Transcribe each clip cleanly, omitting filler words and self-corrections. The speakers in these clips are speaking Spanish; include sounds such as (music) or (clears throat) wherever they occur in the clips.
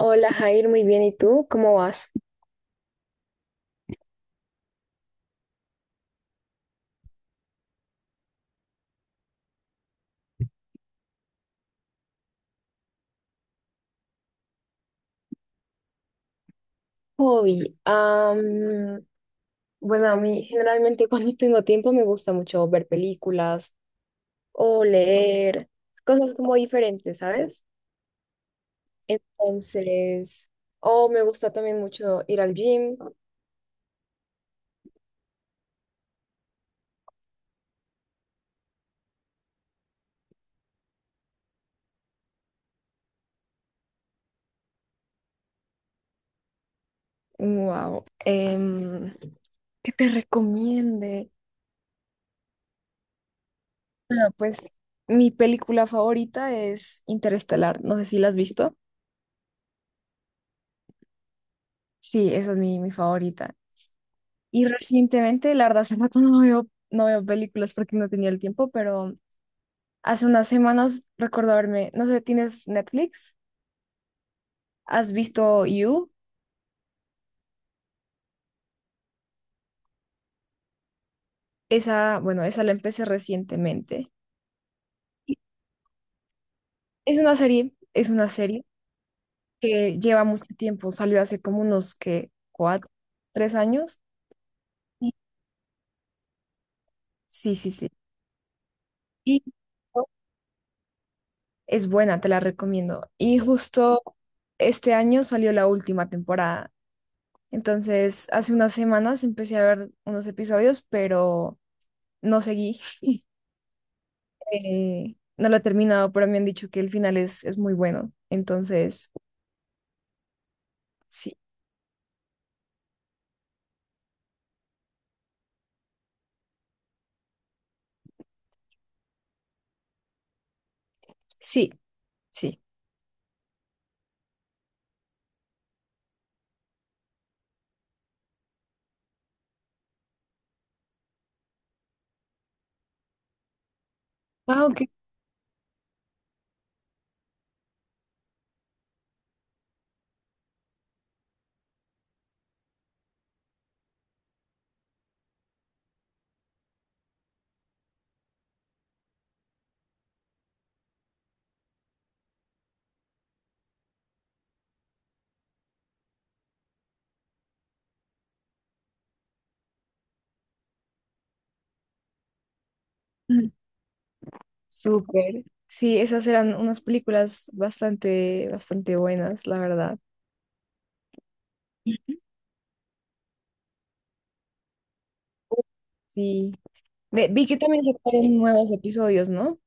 Hola Jair, muy bien. ¿Y tú? ¿Cómo vas? Hobby. Bueno, a mí generalmente (laughs) cuando tengo tiempo me gusta mucho ver películas o leer cosas como diferentes, ¿sabes? Entonces, o me gusta también mucho ir al gym. Wow. em, ¿Qué te recomiende? Bueno, pues mi película favorita es Interestelar. No sé si la has visto. Sí, esa es mi favorita. Y recientemente, la verdad, hace rato no veo películas porque no tenía el tiempo, pero hace unas semanas recuerdo haberme, no sé, ¿tienes Netflix? ¿Has visto You? Esa, bueno, esa la empecé recientemente. Y es una serie que lleva mucho tiempo, salió hace como unos, ¿que cuatro? ¿Tres años? Y- Sí, sí, sí. Y es buena, te la recomiendo. Y justo este año salió la última temporada. Entonces, hace unas semanas empecé a ver unos episodios, pero no seguí. No lo he terminado, pero me han dicho que el final es muy bueno. Entonces, sí, sí, sí. Ah, ok. Ujú. Súper. Sí, esas eran unas películas bastante, bastante buenas, la verdad. Ujú. Sí. Vi que también sacaron nuevos episodios, ¿no?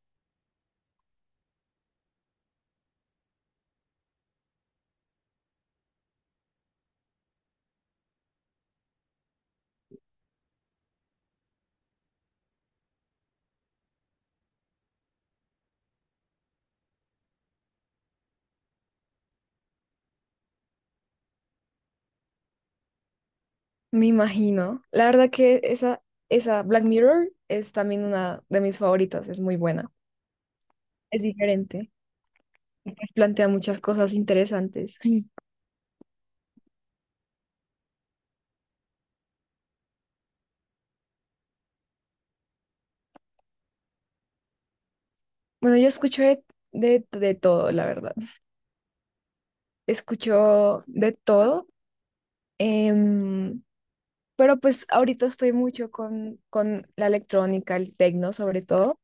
Me imagino. La verdad que esa Black Mirror es también una de mis favoritas, es muy buena. Es diferente. Pues plantea muchas cosas interesantes. (laughs) Bueno, yo escucho de todo, la verdad. Escucho de todo, em, pero pues ahorita estoy mucho con la electrónica, el techno sobre todo.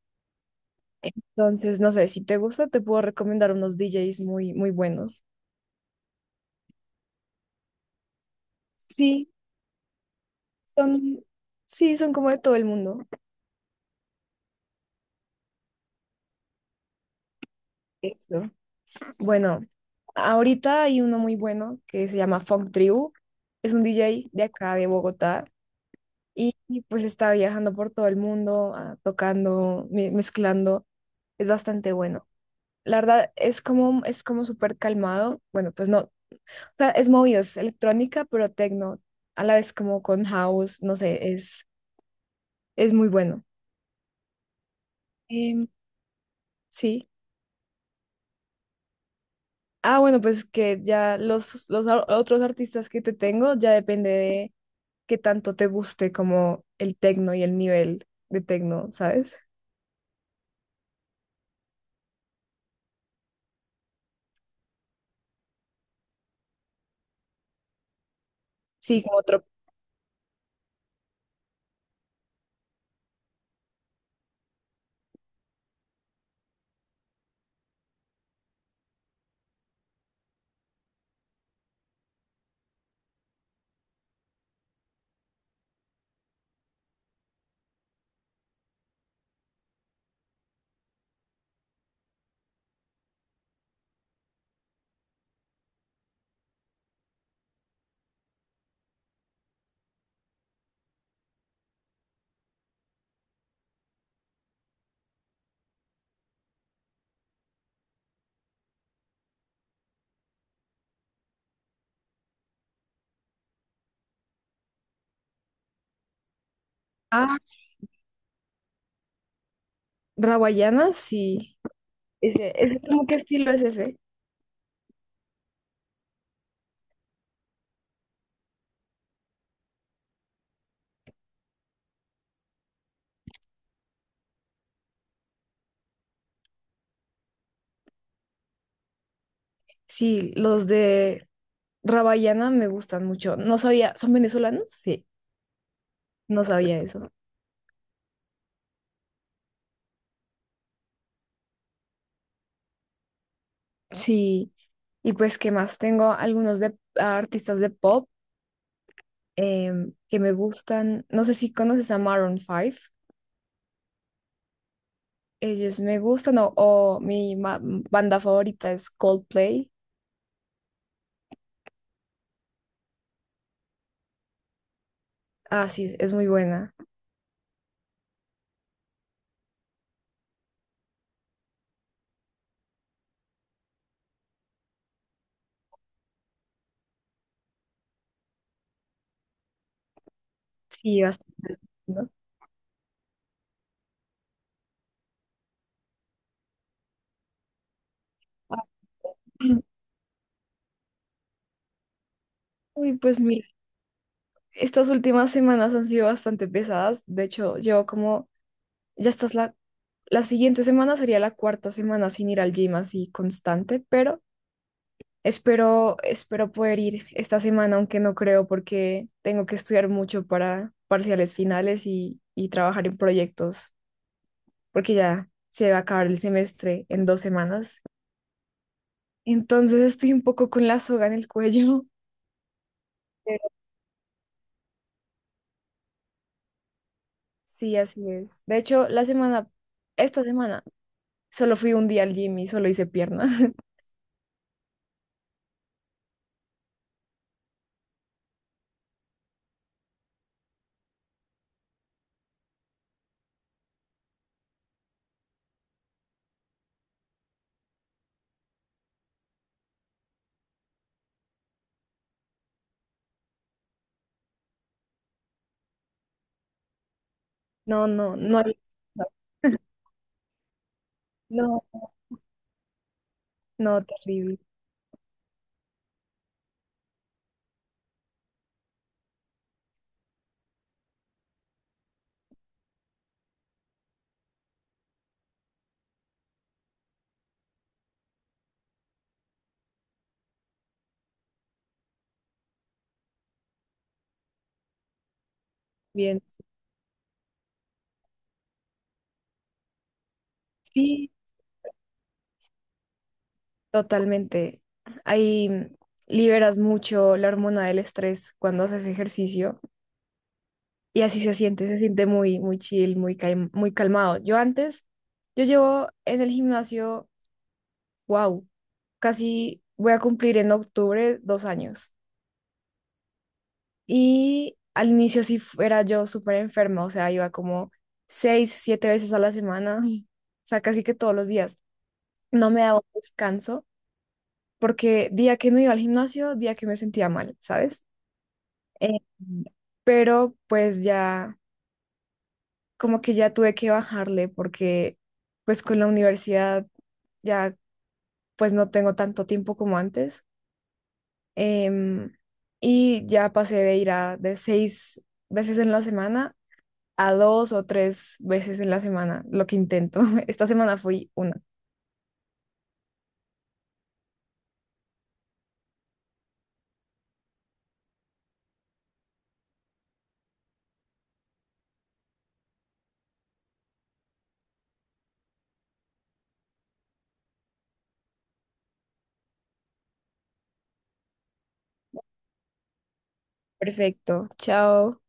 Entonces, no sé, si te gusta, te puedo recomendar unos DJs muy, muy buenos. Sí, son, sí, son como de todo el mundo. Eso. Bueno, ahorita hay uno muy bueno que se llama Funk Tribu. Es un DJ de acá, de Bogotá. Y, pues estaba viajando por todo el mundo, tocando, mezclando. Es bastante bueno. La verdad es como súper calmado. Bueno, pues no, o sea, es movido, es electrónica, pero techno. A la vez como con house, no sé, es muy bueno. Em, sí. Ah, bueno, pues que ya los otros artistas que te tengo ya depende de qué tanto te guste como el techno y el nivel de techno, ¿sabes? Sí, como otro. Ah, Rawayana, sí. Ese, ¿cómo qué estilo es ese? Sí, los de Rabayana me gustan mucho. No sabía, ¿son venezolanos? Sí, no sabía eso. Sí, y pues, ¿qué más? Tengo algunos de artistas de pop que me gustan. No sé si conoces a Maroon 5. Ellos me gustan, o mi banda favorita es Coldplay. Ah, sí, es muy buena. Sí, bastante, ¿no? Ah, (clears throat) Uy, pues mira, estas últimas semanas han sido bastante pesadas. De hecho, llevo como ya estás la siguiente semana, sería la cuarta semana sin ir al gym así constante, pero espero poder ir esta semana, aunque no creo, porque tengo que estudiar mucho para parciales finales y trabajar en proyectos, porque ya se va a acabar el semestre en 2 semanas. Entonces estoy un poco con la soga en el cuello. (laughs) Pero sí, así es. De hecho, la semana, esta semana, solo fui un día al gym y solo hice pierna. (laughs) No, no, no. No. No, terrible. Bien. Sí, totalmente. Ahí liberas mucho la hormona del estrés cuando haces ejercicio y así se siente muy, muy chill, muy calmado. Yo llevo en el gimnasio, wow, casi voy a cumplir en octubre 2 años. Y al inicio sí era yo súper enferma, o sea, iba como 6, 7 veces a la semana, (laughs) o sea, casi que todos los días. No me daba un descanso porque día que no iba al gimnasio, día que me sentía mal, ¿sabes? Eh, pero pues ya, como que ya tuve que bajarle, porque pues con la universidad ya pues no tengo tanto tiempo como antes. Em, y ya pasé de ir a de 6 veces en la semana a 2 o 3 veces en la semana, lo que intento. (laughs) Esta semana fui una. Perfecto, chao.